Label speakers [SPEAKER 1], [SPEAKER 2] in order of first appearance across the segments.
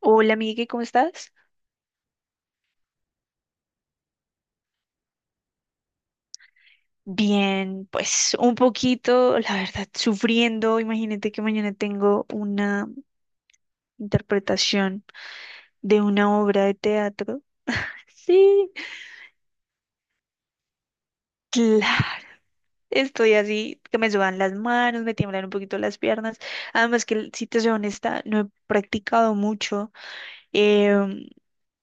[SPEAKER 1] Hola, Miguel, ¿cómo estás? Bien, pues un poquito, la verdad, sufriendo. Imagínate que mañana tengo una interpretación de una obra de teatro. Sí, claro. Estoy así, que me sudan las manos, me tiemblan un poquito las piernas. Además que, si te soy honesta, no he practicado mucho. em,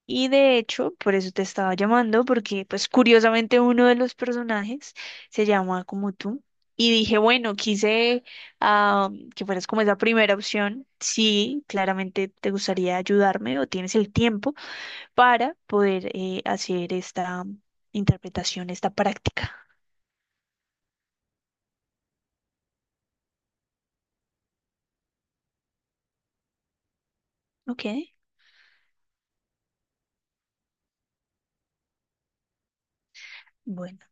[SPEAKER 1] Y de hecho, por eso te estaba llamando, porque pues curiosamente uno de los personajes se llama como tú. Y dije, bueno, ah, que fueras como esa primera opción. Sí, claramente te gustaría ayudarme o tienes el tiempo para poder hacer esta interpretación, esta práctica. Ok, bueno.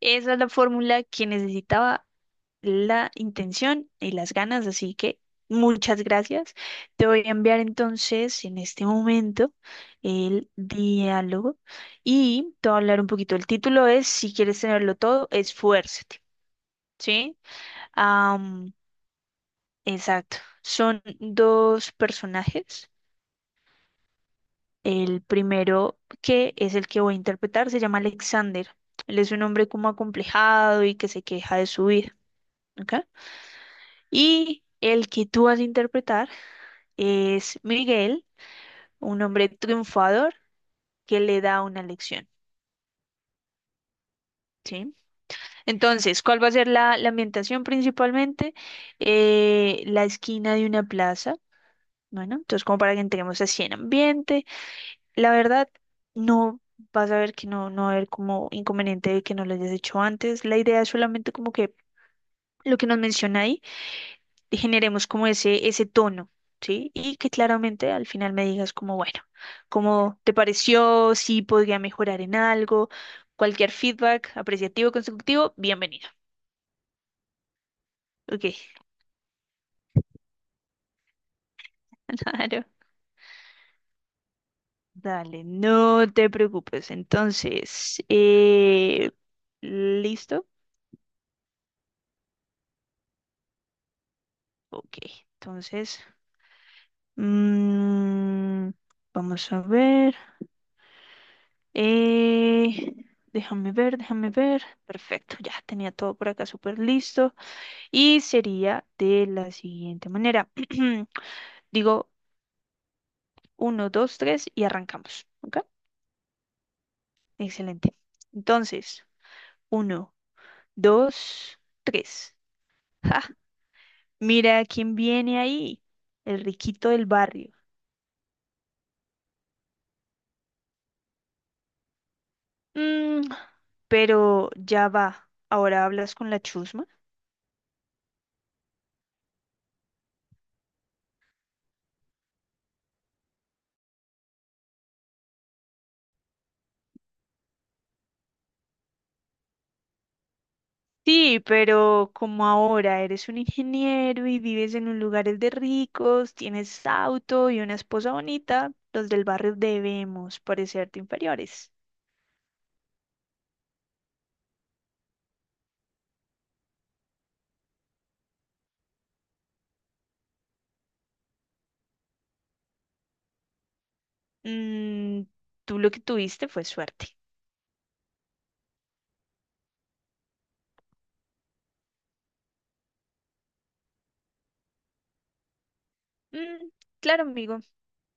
[SPEAKER 1] Esa es la fórmula que necesitaba, la intención y las ganas, así que muchas gracias. Te voy a enviar entonces en este momento el diálogo y te voy a hablar un poquito. El título es, si quieres tenerlo todo, esfuérzate, ¿sí? Am, exacto. Son dos personajes. El primero que es el que voy a interpretar se llama Alexander. Él es un hombre como acomplejado y que se queja de su vida, ¿ok? Y el que tú vas a interpretar es Miguel, un hombre triunfador que le da una lección, ¿sí? Entonces, ¿cuál va a ser la ambientación principalmente? La esquina de una plaza, bueno, entonces como para que entremos así en ambiente. La verdad, no vas a ver que no va a haber como inconveniente de que no lo hayas hecho antes. La idea es solamente como que lo que nos menciona ahí generemos como ese tono, ¿sí? Y que claramente al final me digas como, bueno, ¿cómo te pareció? Si podría mejorar en algo, cualquier feedback apreciativo, constructivo, bienvenido. Ok, claro. Dale, no te preocupes. Entonces, ¿listo? Ok, entonces, mm, vamos a ver. Eh, Déjame ver, déjame ver. Perfecto, ya tenía todo por acá súper listo. Y sería de la siguiente manera. Digo uno, dos, tres y arrancamos. ¿Ok? Excelente. Entonces, uno, dos, tres. ¡Ja! Mira quién viene ahí. El riquito del barrio. Mm, pero ya va. ¿Ahora hablas con la chusma? Sí, pero como ahora eres un ingeniero y vives en un lugar de ricos, tienes auto y una esposa bonita, los del barrio debemos parecerte inferiores. Mm, Tú lo que tuviste fue suerte. Mm, claro, amigo.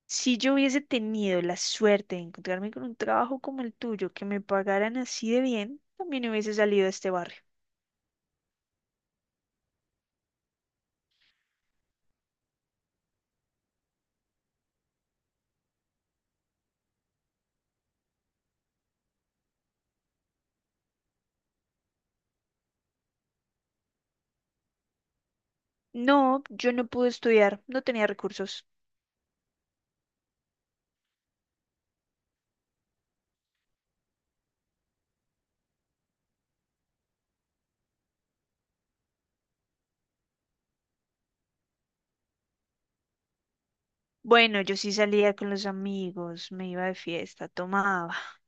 [SPEAKER 1] Si yo hubiese tenido la suerte de encontrarme con un trabajo como el tuyo, que me pagaran así de bien, también hubiese salido de este barrio. No, yo no pude estudiar, no tenía recursos. Bueno, yo sí salía con los amigos, me iba de fiesta, tomaba.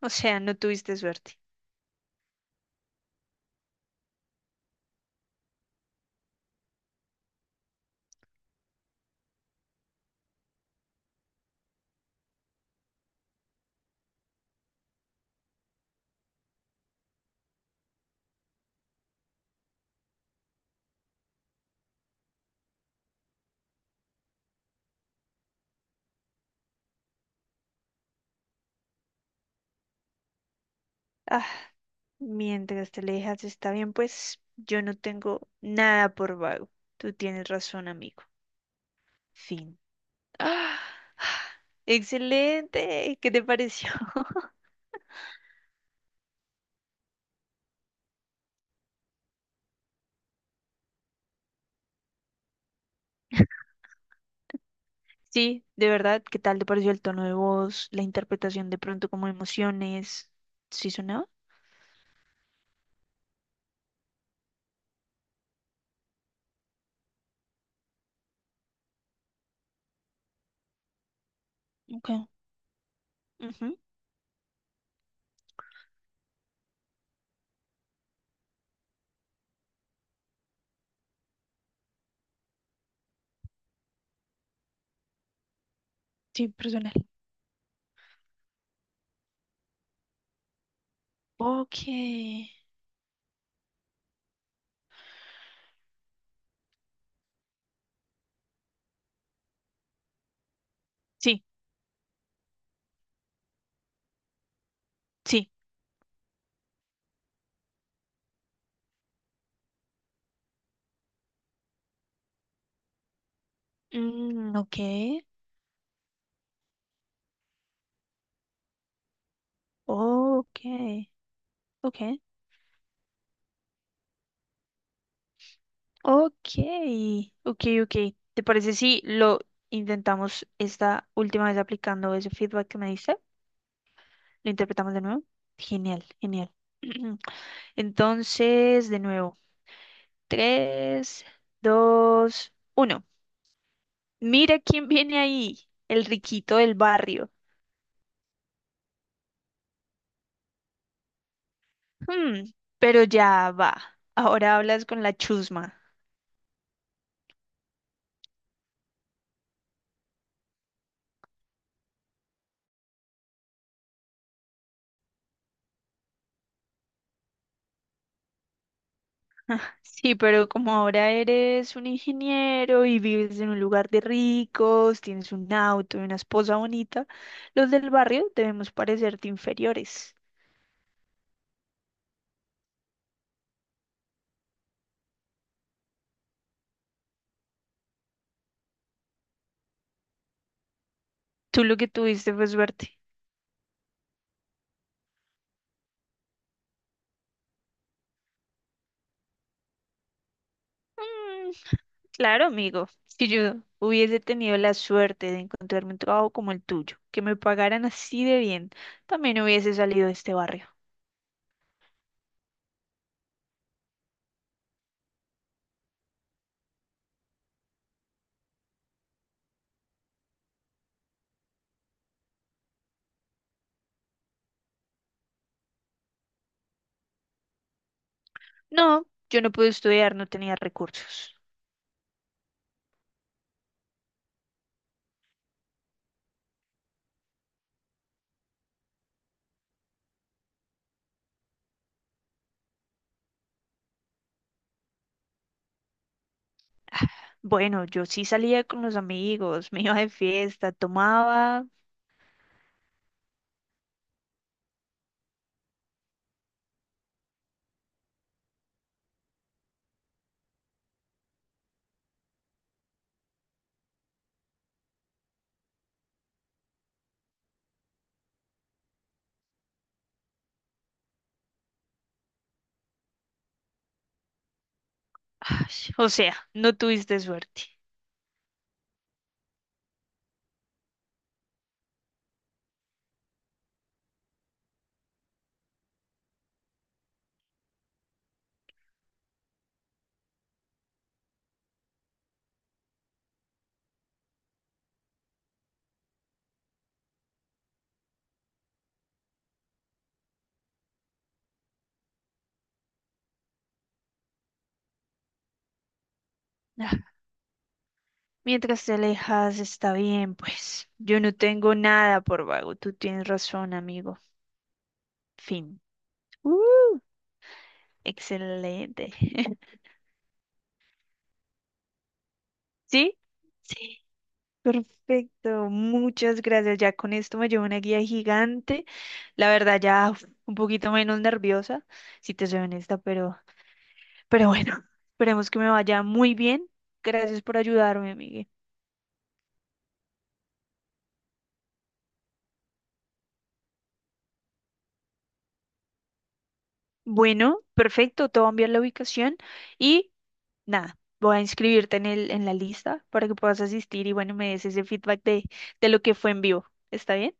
[SPEAKER 1] O sea, no tuviste suerte. Ah, mientras te alejas está bien, pues yo no tengo nada por vago. Tú tienes razón, amigo. Fin. ¡Ah! Excelente, ¿qué te pareció? Sí, de verdad, ¿qué tal te pareció el tono de voz, la interpretación de pronto como emociones? ¿Sí sonaba? Ok. Ujú. Sí, personal. Ok. Sí, sí. Mm, ok. Ok. Ok. Ok. Ok, ok. ¿Te parece si lo intentamos esta última vez aplicando ese feedback que me diste? ¿Lo interpretamos de nuevo? Genial, genial. Entonces, de nuevo, tres, dos, uno. Mira quién viene ahí, el riquito del barrio. Hmm, pero ya va. Ahora hablas con la chusma. Sí, pero como ahora eres un ingeniero y vives en un lugar de ricos, tienes un auto y una esposa bonita, los del barrio debemos parecerte inferiores. Tú lo que tuviste fue suerte. Hmm, Claro, amigo, si yo hubiese tenido la suerte de encontrarme un trabajo como el tuyo, que me pagaran así de bien, también hubiese salido de este barrio. No, yo no pude estudiar, no tenía recursos. Bueno, yo sí salía con los amigos, me iba de fiesta, tomaba... Ay, o sea, no tuviste suerte. Ah, mientras te alejas, está bien, pues. Yo no tengo nada por vago, tú tienes razón, amigo. Fin. Uh, Excelente. ¿Sí? Sí. Perfecto, muchas gracias. Ya con esto me llevo una guía gigante. La verdad, ya uf, un poquito menos nerviosa, si te soy honesta, pero bueno, esperemos que me vaya muy bien. Gracias por ayudarme, Miguel. Bueno, perfecto, te voy a enviar la ubicación y nada, voy a inscribirte en en la lista para que puedas asistir y bueno, me des ese feedback de lo que fue en vivo. ¿Está bien?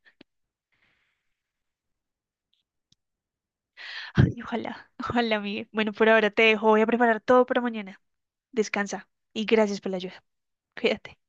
[SPEAKER 1] Ay, ojalá, ojalá, Miguel. Bueno, por ahora te dejo, voy a preparar todo para mañana. Descansa y gracias por la ayuda. Cuídate.